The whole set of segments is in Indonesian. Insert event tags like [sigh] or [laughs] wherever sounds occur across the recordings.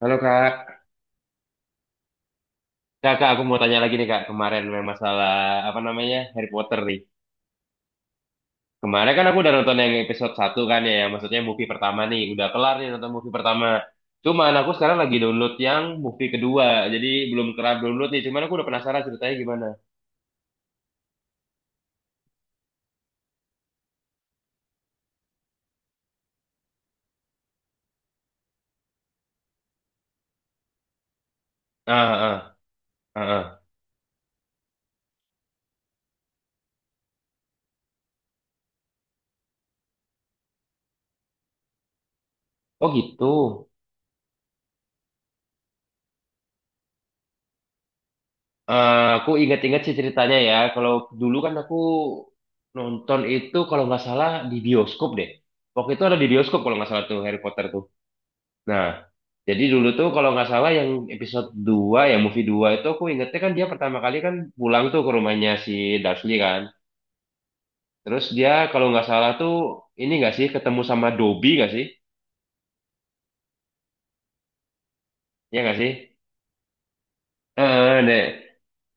Halo Kak, aku mau tanya lagi nih kak, kemarin memang masalah apa namanya Harry Potter nih. Kemarin kan aku udah nonton yang episode satu kan ya, yang maksudnya movie pertama nih, udah kelar nih nonton movie pertama. Cuman aku sekarang lagi download yang movie kedua, jadi belum kelar download nih, cuman aku udah penasaran ceritanya gimana. Ah, ah, ah, ah, ah. Oh gitu. Eh, aku ingat-ingat sih ceritanya ya, kalau dulu kan aku nonton itu kalau nggak salah di bioskop deh. Waktu itu ada di bioskop kalau nggak salah tuh Harry Potter tuh. Nah, jadi dulu tuh kalau nggak salah yang episode 2, ya movie 2 itu aku ingetnya kan dia pertama kali kan pulang tuh ke rumahnya si Dursley kan. Terus dia kalau nggak salah tuh ini nggak sih ketemu sama Dobby nggak sih? Ya nggak sih? Eh, deh.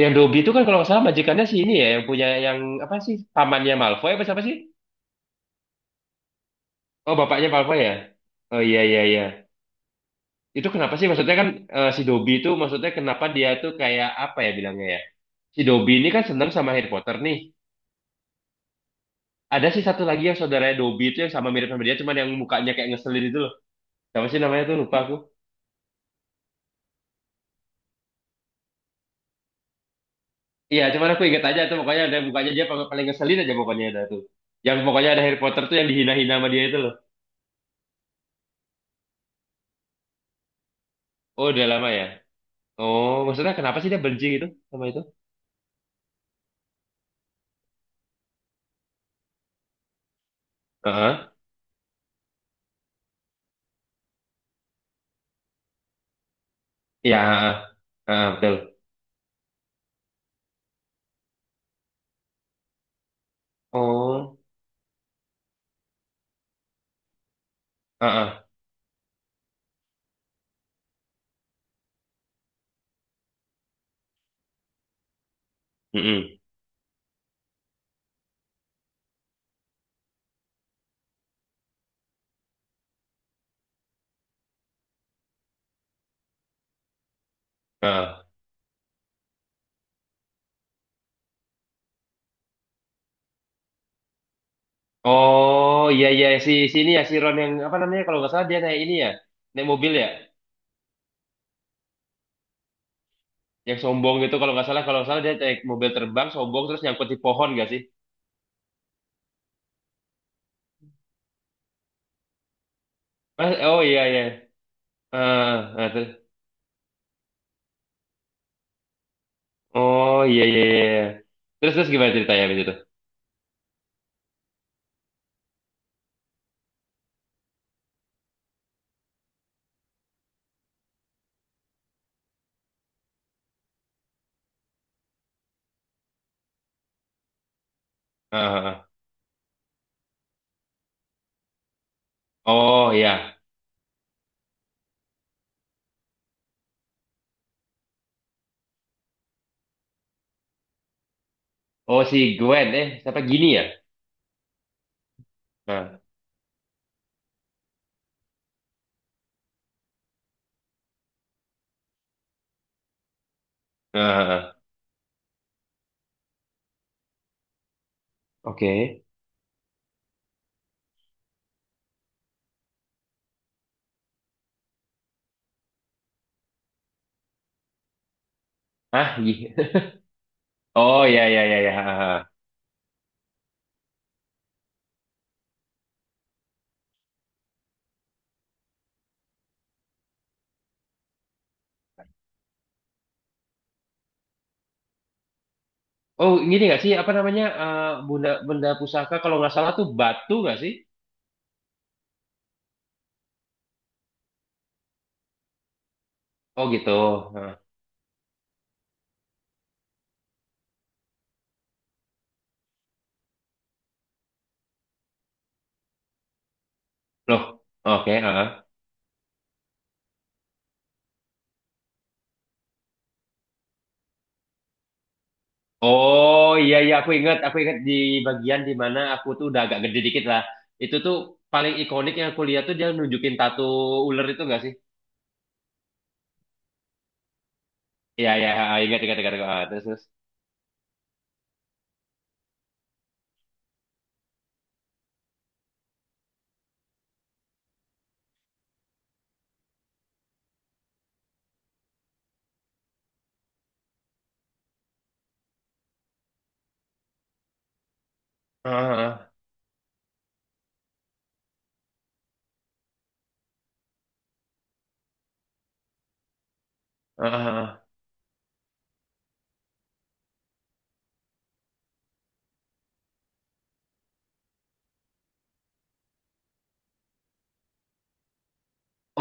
Yang Dobby itu kan kalau nggak salah majikannya si ini ya, yang punya yang apa sih? Pamannya Malfoy apa siapa sih? Oh, bapaknya Malfoy ya? Oh, iya iya iya. Itu kenapa sih maksudnya kan eh, si Dobby itu maksudnya kenapa dia tuh kayak apa ya bilangnya ya? Si Dobby ini kan seneng sama Harry Potter nih. Ada sih satu lagi yang saudaranya Dobby itu yang sama mirip sama dia, cuman yang mukanya kayak ngeselin itu loh. Siapa sih namanya tuh? Lupa aku. Iya, cuman aku ingat aja tuh pokoknya ada mukanya dia paling paling ngeselin aja pokoknya ada tuh. Yang pokoknya ada Harry Potter tuh yang dihina-hina sama dia itu loh. Oh, udah lama ya. Oh, maksudnya kenapa sih dia benci gitu sama itu? Heeh. Iya, heeh. Heeh, betul. Oh, heeh. Heeh. Heeh. Oh, iya iya, si sini ya si Ron yang apa namanya kalau nggak salah dia naik ini ya. Naik mobil ya. Yang sombong gitu kalau nggak salah, kalau nggak salah dia naik mobil terbang sombong terus nyangkut di pohon gak sih? Mas, oh iya iya, ah ah, terus. Oh iya iya iya iya. Terus terus gimana ceritanya abis itu. Ah, ah, ah. Oh iya. Oh si Gwen eh siapa gini ya. Ah, ah, ah, ah. Oke. ah gi- [laughs] oh iya iya iya iya, ah, ah, ah. Oh gini nggak sih apa namanya eh, benda pusaka kalau nggak salah tuh batu nggak sih? Oh gitu. Ah. Loh, oke ah ah. Oh iya iya, aku ingat di bagian di mana aku tuh udah agak gede dikit lah. Itu tuh paling ikonik yang aku lihat tuh dia nunjukin tato ular itu enggak sih? Iya iya, ah, ingat ingat ingat, ingat. Ah, terus terus. Ah, ah, ah, ah, ah.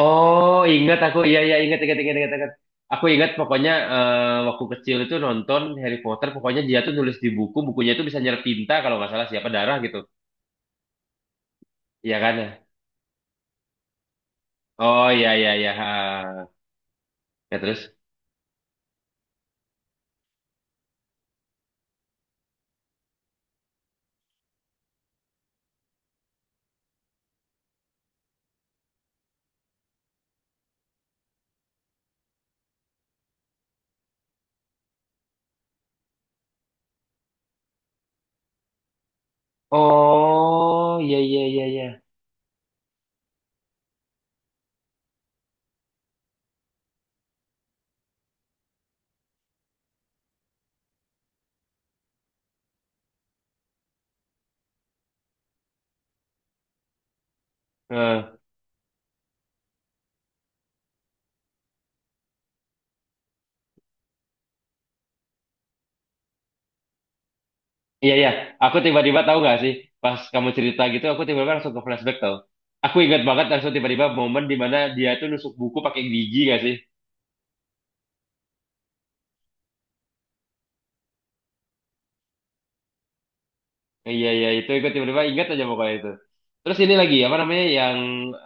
Oh ingat aku, iya iya ingat ingat ingat ingat, ingat. Aku ingat pokoknya eh, waktu kecil itu nonton Harry Potter pokoknya dia tuh nulis di buku, bukunya itu bisa nyerap tinta kalau nggak salah siapa darah gitu. Iya kan? Ya? Oh iya iya iya, ah. Ya terus. Oh iya iya iya iya. Eh. Iya, iya. Aku tiba-tiba tahu nggak sih, pas kamu cerita gitu, aku tiba-tiba langsung ke flashback tau. Aku ingat banget langsung tiba-tiba momen di mana dia tuh nusuk buku pakai gigi nggak sih? Iya, iya. Itu ikut tiba-tiba ingat aja pokoknya itu. Terus ini lagi, apa namanya, yang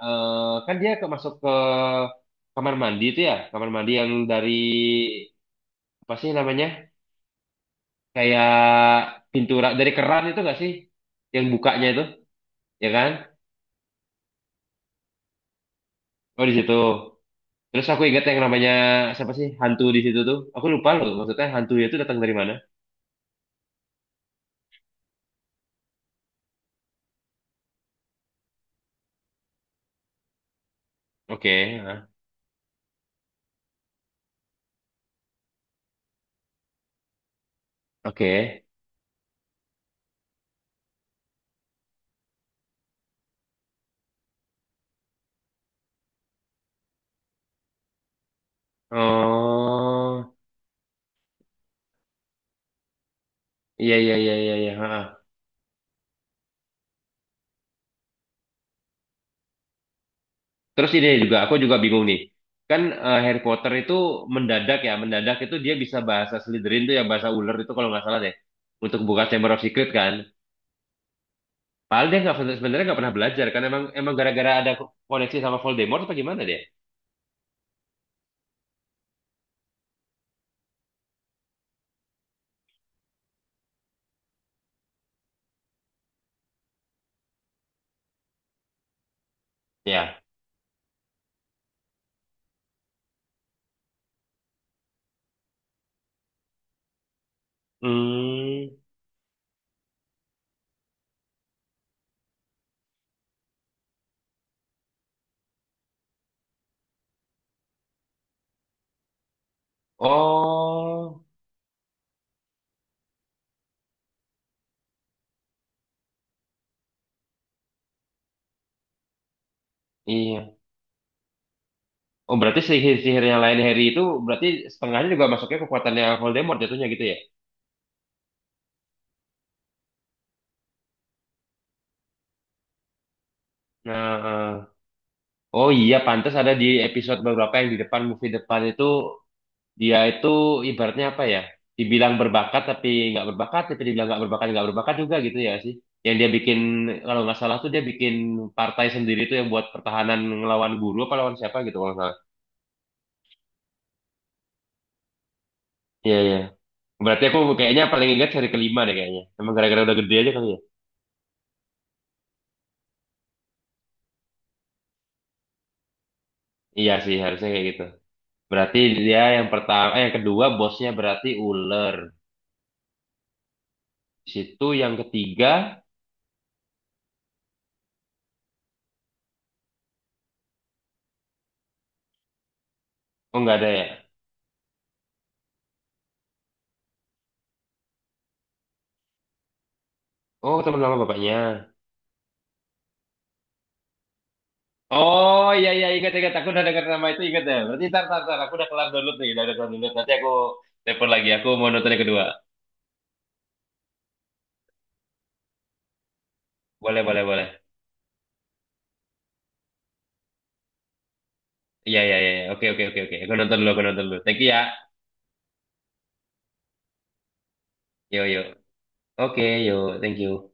eh, kan dia ke, masuk ke kamar mandi itu ya. Kamar mandi yang dari apa sih namanya? Kayak pintu dari keran itu nggak sih? Yang bukanya itu, ya kan? Oh, di situ. Terus aku ingat yang namanya siapa sih hantu di situ tuh. Aku lupa loh maksudnya hantu itu datang dari mana. Oke, ah, oke. Oh, iya iya iya iya iya, ha, ha. Terus ini juga aku juga bingung nih. Kan eh, Harry Potter itu mendadak ya, mendadak itu dia bisa bahasa Slytherin tuh ya bahasa ular itu kalau nggak salah deh. Untuk buka Chamber of Secret kan. Padahal dia nggak, sebenarnya nggak pernah belajar kan, emang emang gara-gara ada koneksi sama Voldemort apa gimana dia? Ya. Hmm. Oh, iya. Oh, berarti sihir-sihirnya lain Harry itu berarti setengahnya juga masuknya kekuatannya Voldemort jatuhnya gitu ya? Nah, eh. Oh iya, pantas ada di episode beberapa yang di depan movie depan itu dia itu ibaratnya apa ya? Dibilang berbakat tapi nggak berbakat, tapi dibilang nggak berbakat juga gitu ya sih? Yang dia bikin kalau nggak salah tuh dia bikin partai sendiri tuh yang buat pertahanan ngelawan guru apa lawan siapa gitu kalau nggak salah. Iya iya. Berarti aku kayaknya paling ingat seri kelima deh kayaknya. Emang gara-gara udah gede aja kali ya? Iya sih, harusnya kayak gitu. Berarti dia yang pertama, eh yang kedua bosnya berarti ular. Di situ yang ketiga, oh nggak ada ya? Oh teman lama bapaknya. Oh iya iya ingat ingat, aku udah dengar nama itu ingat ya. Berarti tar tar tar, aku udah kelar download nih, udah kelar download. Nanti aku telepon lagi, aku mau nonton yang kedua. Boleh boleh boleh. Iya iya iya. Oke oke oke oke. Aku nonton dulu, aku nonton dulu. Thank you ya. Yo yo. Oke yo, thank you.